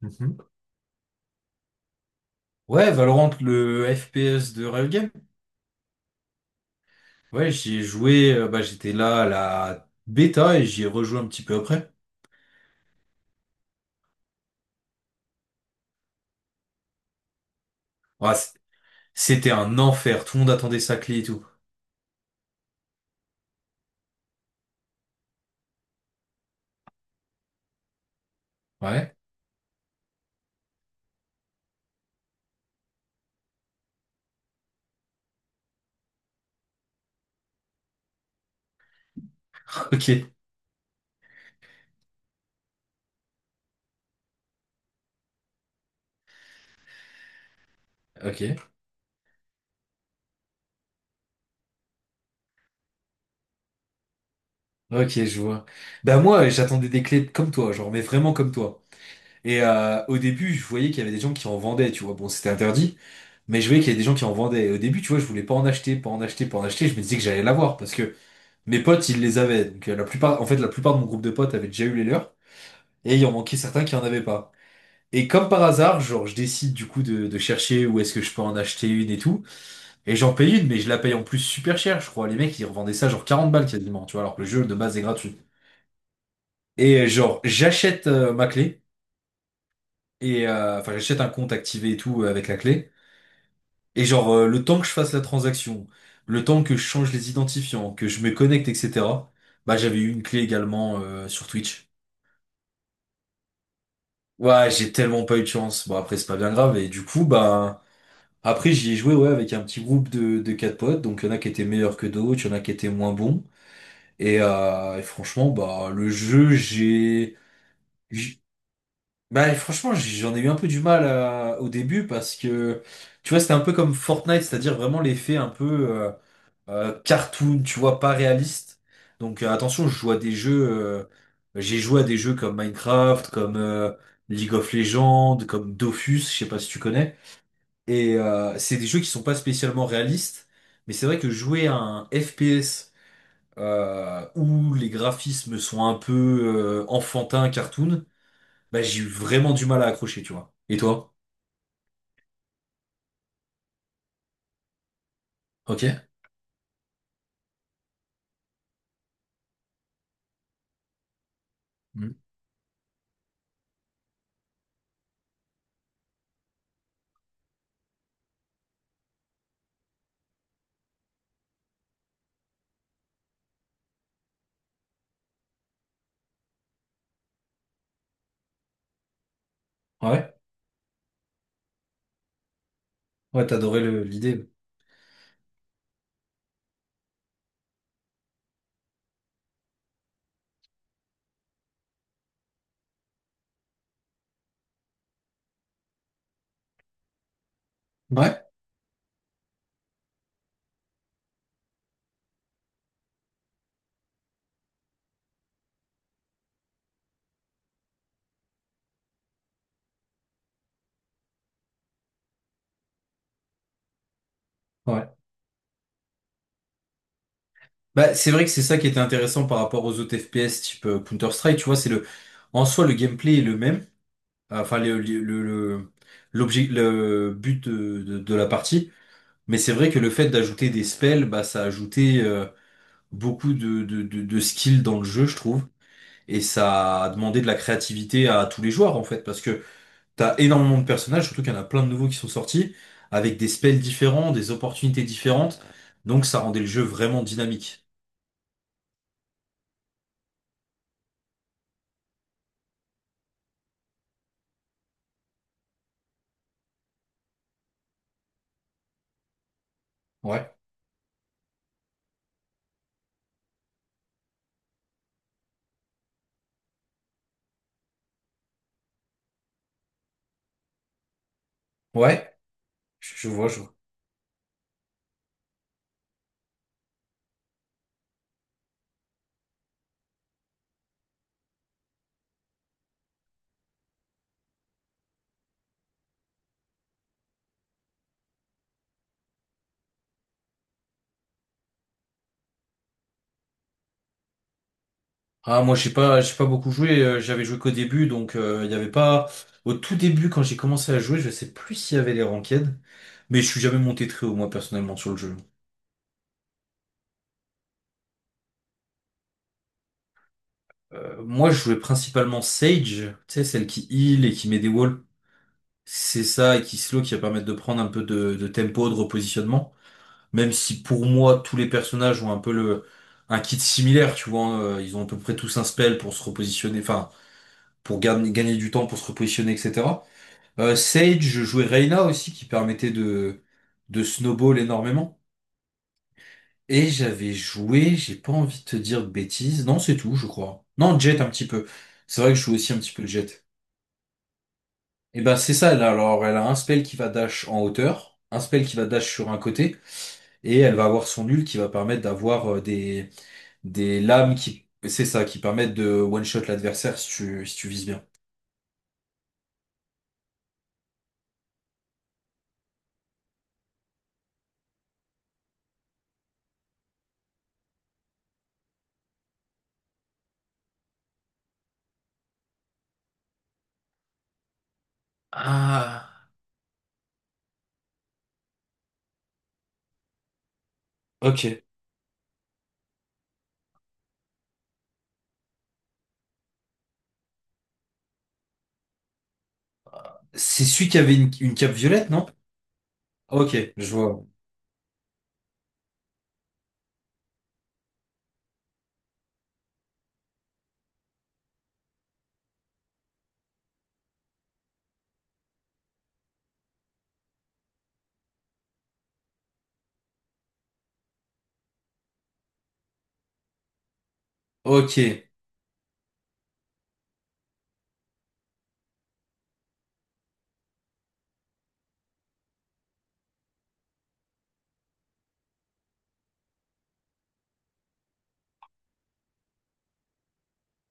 Mhm. Ouais, Valorant, le FPS de Riot Games. Ouais, j'y ai joué, bah, j'étais là à la bêta et j'y ai rejoué un petit peu après. Ouais, c'était un enfer, tout le monde attendait sa clé et tout. Ouais, ok, ok, ok, je vois. Bah moi, j'attendais des clés comme toi, genre, mais vraiment comme toi. Et au début, je voyais qu'il y avait des gens qui en vendaient, tu vois. Bon, c'était interdit, mais je voyais qu'il y avait des gens qui en vendaient. Et au début, tu vois, je voulais pas en acheter, pas en acheter, pas en acheter. Je me disais que j'allais l'avoir parce que mes potes, ils les avaient. Donc la plupart, en fait, la plupart de mon groupe de potes avait déjà eu les leurs. Et il en manquait certains qui en avaient pas. Et comme par hasard, genre, je décide du coup de chercher où est-ce que je peux en acheter une et tout. Et j'en paye une, mais je la paye en plus super cher, je crois. Les mecs, ils revendaient ça genre 40 balles quasiment, tu vois, alors que le jeu de base est gratuit. Et genre, j'achète ma clé, et enfin, j'achète un compte activé et tout avec la clé. Et genre, le temps que je fasse la transaction, le temps que je change les identifiants, que je me connecte, etc., bah, j'avais eu une clé également sur Twitch. Ouais, j'ai tellement pas eu de chance. Bon, après, c'est pas bien grave. Et du coup, bah. Après, j'y ai joué ouais, avec un petit groupe de 4 potes, donc il y en a qui étaient meilleurs que d'autres, il y en a qui étaient moins bons. Et franchement, bah le jeu, j'ai. j'- Bah franchement, j'en ai eu un peu du mal au début parce que tu vois, c'était un peu comme Fortnite, c'est-à-dire vraiment l'effet un peu cartoon, tu vois, pas réaliste. Donc attention, je joue à des jeux. J'ai joué à des jeux comme Minecraft, comme League of Legends, comme Dofus, je sais pas si tu connais. Et c'est des jeux qui sont pas spécialement réalistes, mais c'est vrai que jouer à un FPS où les graphismes sont un peu enfantins, cartoon, bah j'ai eu vraiment du mal à accrocher, tu vois. Et toi? Ok. Mm. Ouais. Ouais, t'adorais l'idée. Ouais. Ouais. Bah c'est vrai que c'est ça qui était intéressant par rapport aux autres FPS type Counter-Strike, tu vois, c'est le en soi le gameplay est le même, enfin l'objet le but de la partie. Mais c'est vrai que le fait d'ajouter des spells, bah, ça a ajouté beaucoup de skills dans le jeu, je trouve. Et ça a demandé de la créativité à tous les joueurs, en fait, parce que t'as énormément de personnages, surtout qu'il y en a plein de nouveaux qui sont sortis, avec des spells différents, des opportunités différentes. Donc ça rendait le jeu vraiment dynamique. Ouais, ouais, je vois, je vois. Ah, moi, j'ai pas beaucoup joué, j'avais joué qu'au début, donc il y avait pas. Au tout début, quand j'ai commencé à jouer, je sais plus s'il y avait les ranked, mais je suis jamais monté très haut, moi, personnellement, sur le jeu. Moi, je jouais principalement Sage, tu sais, celle qui heal et qui met des walls. C'est ça, et qui slow, qui va permettre de prendre un peu de tempo, de repositionnement. Même si pour moi, tous les personnages ont un peu le, un kit similaire, tu vois. Hein, ils ont à peu près tous un spell pour se repositionner, enfin, pour gagner du temps, pour se repositionner, etc. Sage, je jouais Reyna aussi, qui permettait de snowball énormément. Et j'avais joué, j'ai pas envie de te dire de bêtises. Non, c'est tout, je crois. Non, Jet un petit peu. C'est vrai que je joue aussi un petit peu Jet. Et ben c'est ça, alors elle a un spell qui va dash en hauteur, un spell qui va dash sur un côté, et elle va avoir son nul qui va permettre d'avoir des lames qui, c'est ça, qui permettent de one-shot l'adversaire si si tu vises bien. Ah, ok. C'est celui qui avait une cape violette, non? Ok, je vois. Ok,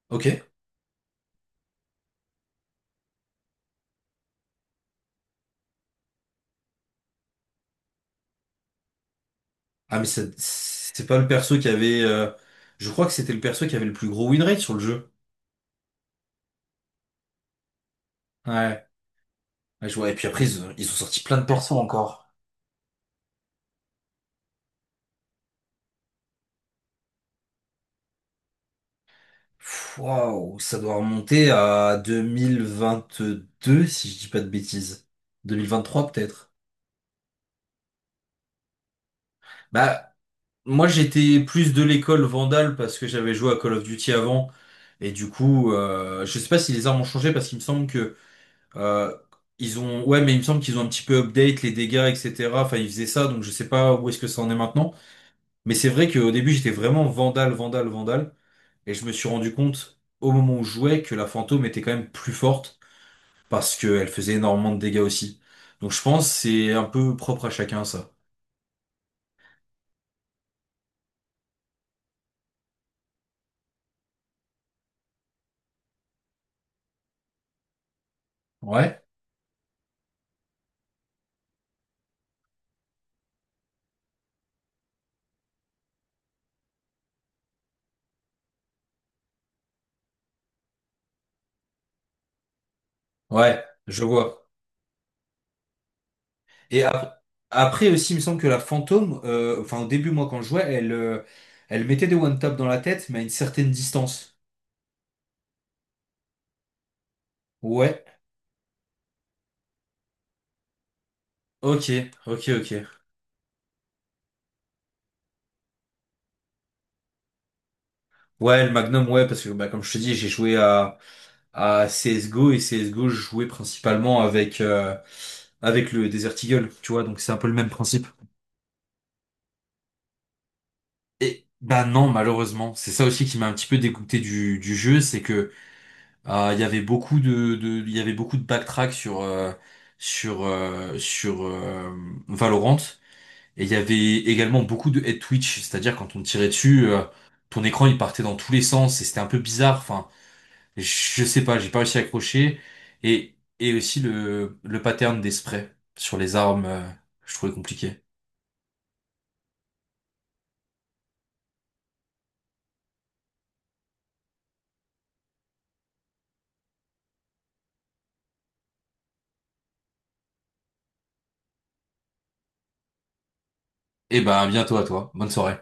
ok. Ah mais c'est pas le perso qui avait, je crois que c'était le perso qui avait le plus gros win rate sur le jeu. Ouais, ouais, je vois. Et puis après, ils ont sorti plein de persos encore. Pff, waouh, ça doit remonter à 2022 si je dis pas de bêtises. 2023 peut-être. Bah, moi j'étais plus de l'école Vandal parce que j'avais joué à Call of Duty avant. Et du coup, je sais pas si les armes ont changé parce qu'il me semble que euh, ils ont. Ouais, mais il me semble qu'ils ont un petit peu update les dégâts, etc. Enfin, ils faisaient ça, donc je sais pas où est-ce que ça en est maintenant. Mais c'est vrai qu'au début, j'étais vraiment Vandal, Vandal, Vandal. Et je me suis rendu compte au moment où je jouais que la fantôme était quand même plus forte, parce qu'elle faisait énormément de dégâts aussi. Donc je pense que c'est un peu propre à chacun ça. Ouais, ouais, je vois. Et après aussi, il me semble que la fantôme, enfin au début moi quand je jouais, elle, elle mettait des one tap dans la tête, mais à une certaine distance. Ouais, ok, ok. Ouais, le Magnum, ouais, parce que bah, comme je te dis, j'ai joué à CSGO et CSGO, je jouais principalement avec, avec le Desert Eagle, tu vois, donc c'est un peu le même principe. Et bah non, malheureusement, c'est ça aussi qui m'a un petit peu dégoûté du jeu, c'est que il y avait beaucoup de il y avait beaucoup de backtrack sur sur euh, sur euh, Valorant et il y avait également beaucoup de head twitch, c'est-à-dire quand on tirait dessus, ton écran il partait dans tous les sens et c'était un peu bizarre. Enfin, je sais pas, j'ai pas réussi à accrocher et aussi le pattern des sprays sur les armes, je trouvais compliqué. Et bah à bientôt à toi, bonne soirée.